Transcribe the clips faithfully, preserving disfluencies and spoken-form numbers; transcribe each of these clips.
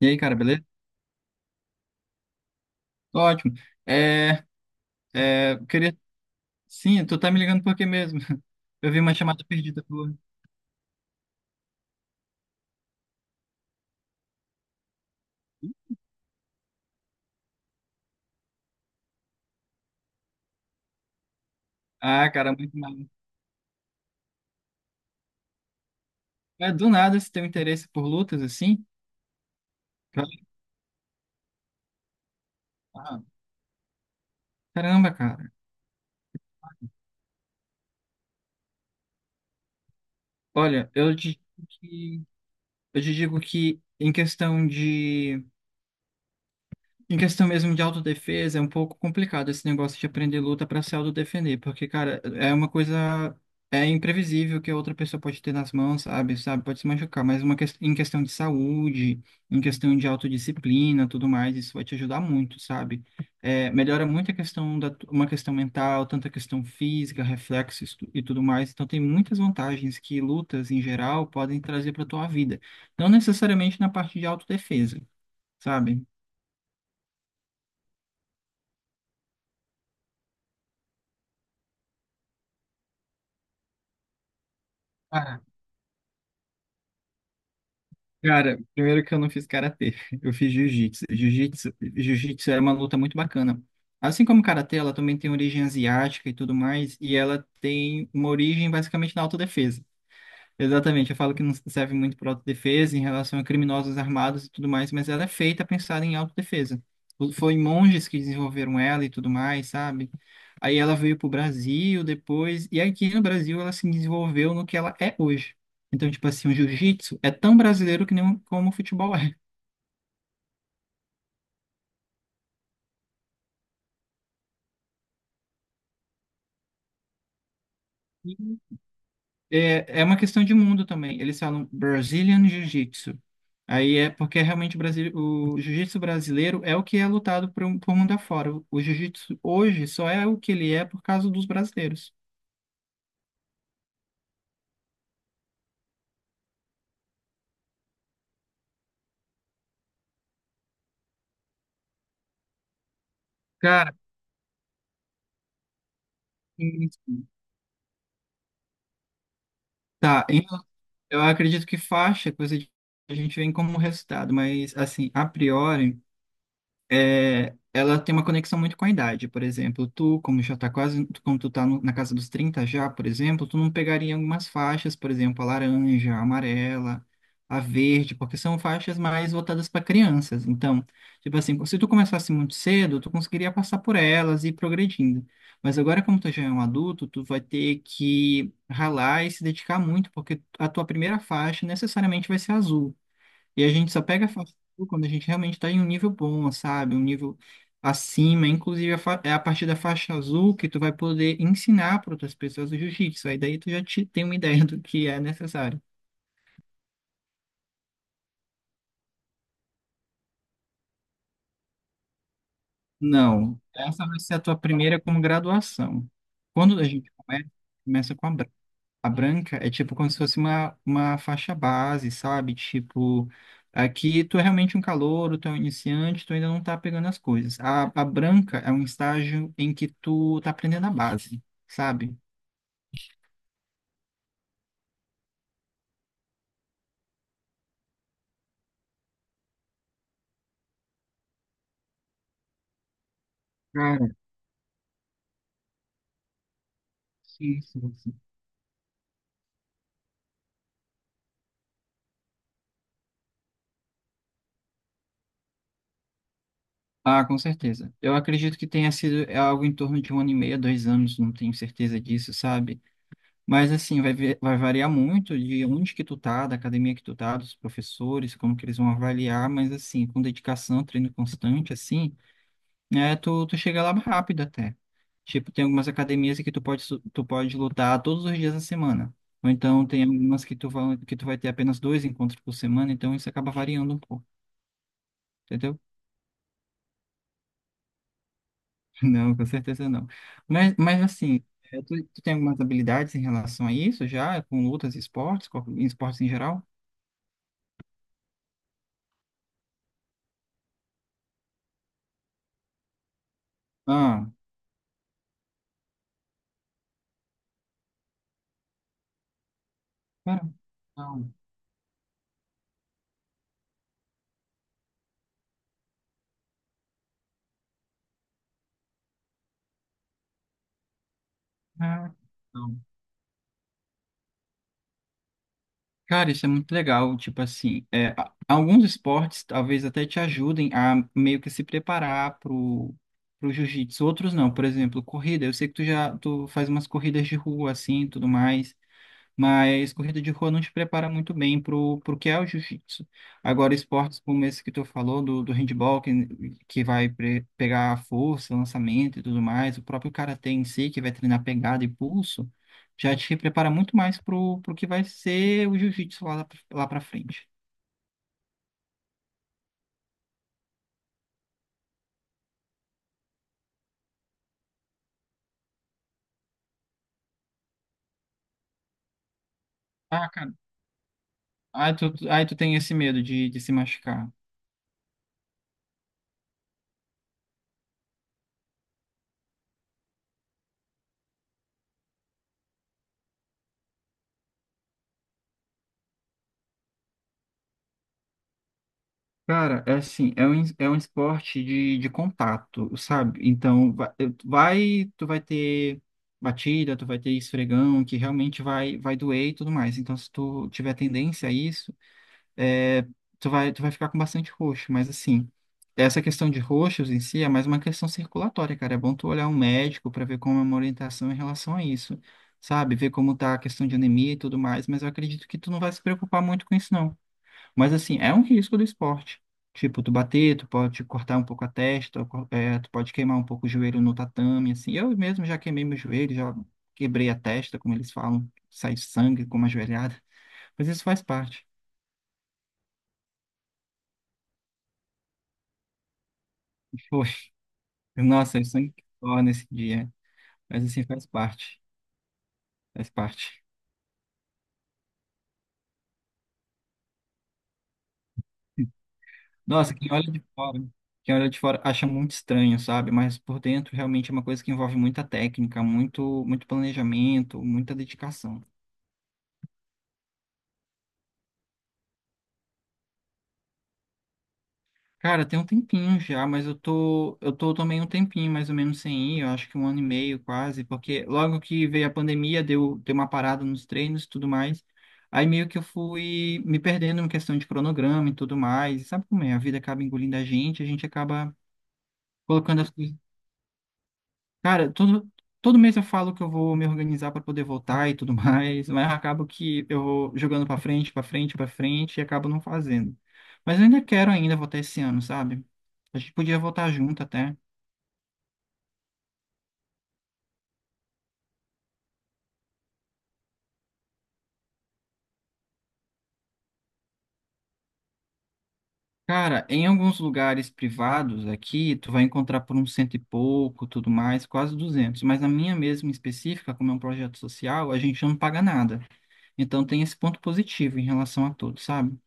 E aí, cara, beleza? Tô ótimo. É, é, eu queria. Sim, tu tá me ligando por quê mesmo? Eu vi uma chamada perdida tua. Ah, cara, muito mal. É, do nada se tem interesse por lutas assim? Ah, caramba, cara. Olha, eu te digo que, eu te digo que em questão de em questão mesmo de autodefesa, é um pouco complicado esse negócio de aprender luta para se autodefender, porque, cara, é uma coisa. É imprevisível que a outra pessoa pode ter nas mãos, sabe? Sabe? Pode se machucar, mas uma ques- em questão de saúde, em questão de autodisciplina, tudo mais, isso vai te ajudar muito, sabe? É, melhora muito a questão da uma questão mental, tanto a questão física, reflexos tu- e tudo mais. Então tem muitas vantagens que lutas em geral podem trazer para tua vida, não necessariamente na parte de autodefesa, sabe? Cara, primeiro que eu não fiz karatê, eu fiz jiu-jitsu. Jiu-jitsu, jiu-jitsu era uma luta muito bacana. Assim como karatê, ela também tem origem asiática e tudo mais, e ela tem uma origem basicamente na autodefesa. Exatamente, eu falo que não serve muito para autodefesa em relação a criminosos armados e tudo mais, mas ela é feita pensada em autodefesa. O- Foi monges que desenvolveram ela e tudo mais, sabe? Aí ela veio pro Brasil depois, e aqui no Brasil ela se desenvolveu no que ela é hoje. Então, tipo assim, o jiu-jitsu é tão brasileiro que nem o- como o futebol é. É, é uma questão de mundo também. Eles falam Brazilian Jiu-Jitsu. Aí é porque realmente o, Brasi- o jiu-jitsu brasileiro é o que é lutado por, um- por mundo afora. O, o jiu-jitsu hoje só é o que ele é por causa dos brasileiros. Cara, sim, sim. Tá. em- Eu acredito que faixa é coisa de- que a gente vem como resultado, mas assim, a priori. É, ela tem uma conexão muito com a idade. Por exemplo, tu, como já tá quase, tu- como tu tá no- na casa dos trinta já, por exemplo, tu não pegaria algumas faixas, por exemplo, a laranja, a amarela, a verde, porque são faixas mais voltadas para crianças. Então, tipo assim, se tu começasse muito cedo, tu conseguiria passar por elas e ir progredindo. Mas agora, como tu já é um adulto, tu vai ter que ralar e se dedicar muito, porque a tua primeira faixa necessariamente vai ser azul. E a gente só pega fast food quando a gente realmente está em um nível bom, sabe? Um nível acima. Inclusive, a fa- é a partir da faixa azul que tu vai poder ensinar para outras pessoas o jiu-jitsu. Aí daí tu já te, tem uma ideia do que é necessário. Não, essa vai ser a tua primeira como graduação. Quando a gente começa, começa com a A branca é tipo como se fosse uma, uma faixa base, sabe? Tipo, aqui tu é realmente um calouro, tu é um iniciante, tu ainda não tá pegando as coisas. A, a branca é um estágio em que tu tá aprendendo a base, sabe? Cara, sim, sim, sim. Ah, com certeza. Eu acredito que tenha sido é algo em torno de um ano e meio, dois anos, não tenho certeza disso, sabe? Mas assim, vai, ver- vai variar muito de onde que tu tá, da academia que tu tá, dos professores, como que eles vão avaliar, mas assim, com dedicação, treino constante, assim. É, tu, tu chega lá rápido até. Tipo, tem algumas academias que tu pode, su- tu pode lutar todos os dias da semana. Ou então tem algumas que tu vai, que tu vai ter apenas dois encontros por semana, então isso acaba variando um pouco, entendeu? Não, com certeza não. Mas, mas assim, é, tu, tu tem algumas habilidades em relação a isso já, com lutas e esportes, com- em esportes em geral? Ah, cara, não. Ah, não. Cara, isso é muito legal. Tipo assim, é, a- alguns esportes talvez até te ajudem a meio que se preparar pro, pro jiu-jitsu. Outros não. Por exemplo, corrida. Eu sei que tu já tu faz umas corridas de rua assim, tudo mais. Mas corrida de rua não te prepara muito bem pro pro que é o jiu-jitsu. Agora, esportes como esse que tu falou, do, do handball, que, que vai pre- pegar força, lançamento e tudo mais, o próprio karatê em si, que vai treinar pegada e pulso, já te prepara muito mais pro pro que vai ser o jiu-jitsu lá, lá para frente. Ah, cara, aí tu, aí tu tem esse medo de, de se machucar. Cara, é assim, é um, es- é um esporte de, de contato, sabe? Então, va- eu- vai, tu vai ter batida, tu vai ter esfregão, que realmente vai, vai doer e tudo mais. Então, se tu tiver tendência a isso, é, tu vai, tu vai ficar com bastante roxo. Mas, assim, essa questão de roxos em si é mais uma questão circulatória, cara. É bom tu olhar um médico para ver como é uma orientação em relação a isso, sabe? Ver como tá a questão de anemia e tudo mais. Mas eu acredito que tu não vai se preocupar muito com isso, não. Mas assim, é um risco do esporte. Tipo, tu bater, tu pode cortar um pouco a testa, ou co- eh, tu pode queimar um pouco o joelho no tatame, assim. Eu mesmo já queimei meu joelho, já quebrei a testa, como eles falam, sai sangue com uma joelhada. Mas isso faz parte. Foi. Nossa, o sangue que torra nesse dia. Mas assim, faz parte. Faz parte. Nossa, quem olha de fora, quem olha de fora acha muito estranho, sabe? Mas por dentro realmente é uma coisa que envolve muita técnica, muito, muito planejamento, muita dedicação. Cara, tem um tempinho já, mas eu tô, eu tô também um tempinho mais ou menos sem ir, eu acho que um ano e meio quase, porque logo que veio a pandemia, deu, deu uma parada nos treinos e tudo mais. Aí meio que eu fui me perdendo em questão de cronograma e tudo mais. E sabe como é? A vida acaba engolindo a gente, a gente acaba colocando as coisas. Cara, todo, todo mês eu falo que eu vou me organizar para poder voltar e tudo mais, mas acabo que eu vou jogando para frente, para frente, para frente e acabo não fazendo. Mas eu ainda quero ainda voltar esse ano, sabe? A gente podia voltar junto até. Cara, em alguns lugares privados aqui, tu vai encontrar por um cento e pouco, tudo mais, quase duzentos. Mas na minha mesma específica, como é um projeto social, a gente não paga nada. Então tem esse ponto positivo em relação a todos, sabe?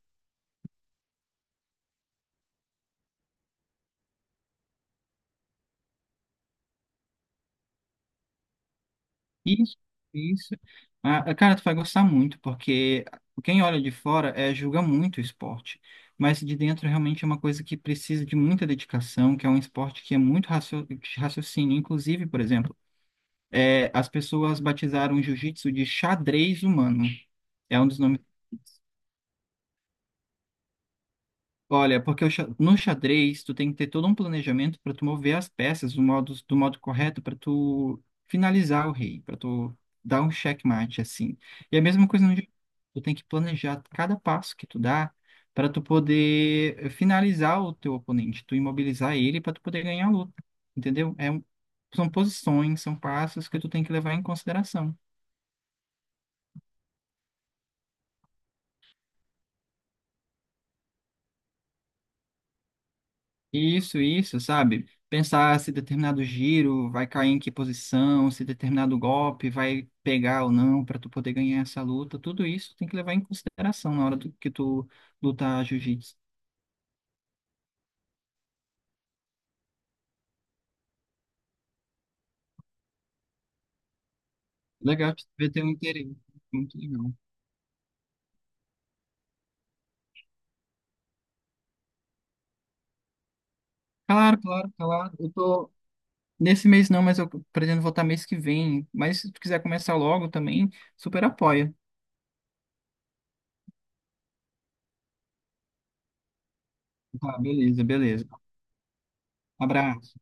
Isso, isso. Ah, ah, cara, tu vai gostar muito, porque quem olha de fora é, julga muito o esporte, mas de dentro realmente é uma coisa que precisa de muita dedicação, que é um esporte que é muito racio- de raciocínio. Inclusive, por exemplo, é, as pessoas batizaram o jiu-jitsu de xadrez humano. É um dos nomes. Olha, porque o xa- no xadrez tu tem que ter todo um planejamento para tu mover as peças do modo, do modo correto para tu finalizar o rei, para tu dar um checkmate assim. E a mesma coisa no jogo. Tu tem que planejar cada passo que tu dá para tu poder eh, finalizar o teu oponente, tu imobilizar ele para tu poder ganhar a luta, entendeu? É um- são posições, são passos que tu tem que levar em consideração. Isso, isso, sabe? Pensar se determinado giro vai cair em que posição, se determinado golpe vai pegar ou não para tu poder ganhar essa luta, tudo isso tem que levar em consideração na hora do, que tu lutar jiu-jitsu. Legal, você vai ter um interesse. Muito legal. Claro, claro, claro. Eu tô nesse mês não, mas eu pretendo voltar mês que vem. Mas se tu quiser começar logo também, super apoia. Tá, beleza, beleza. Abraço.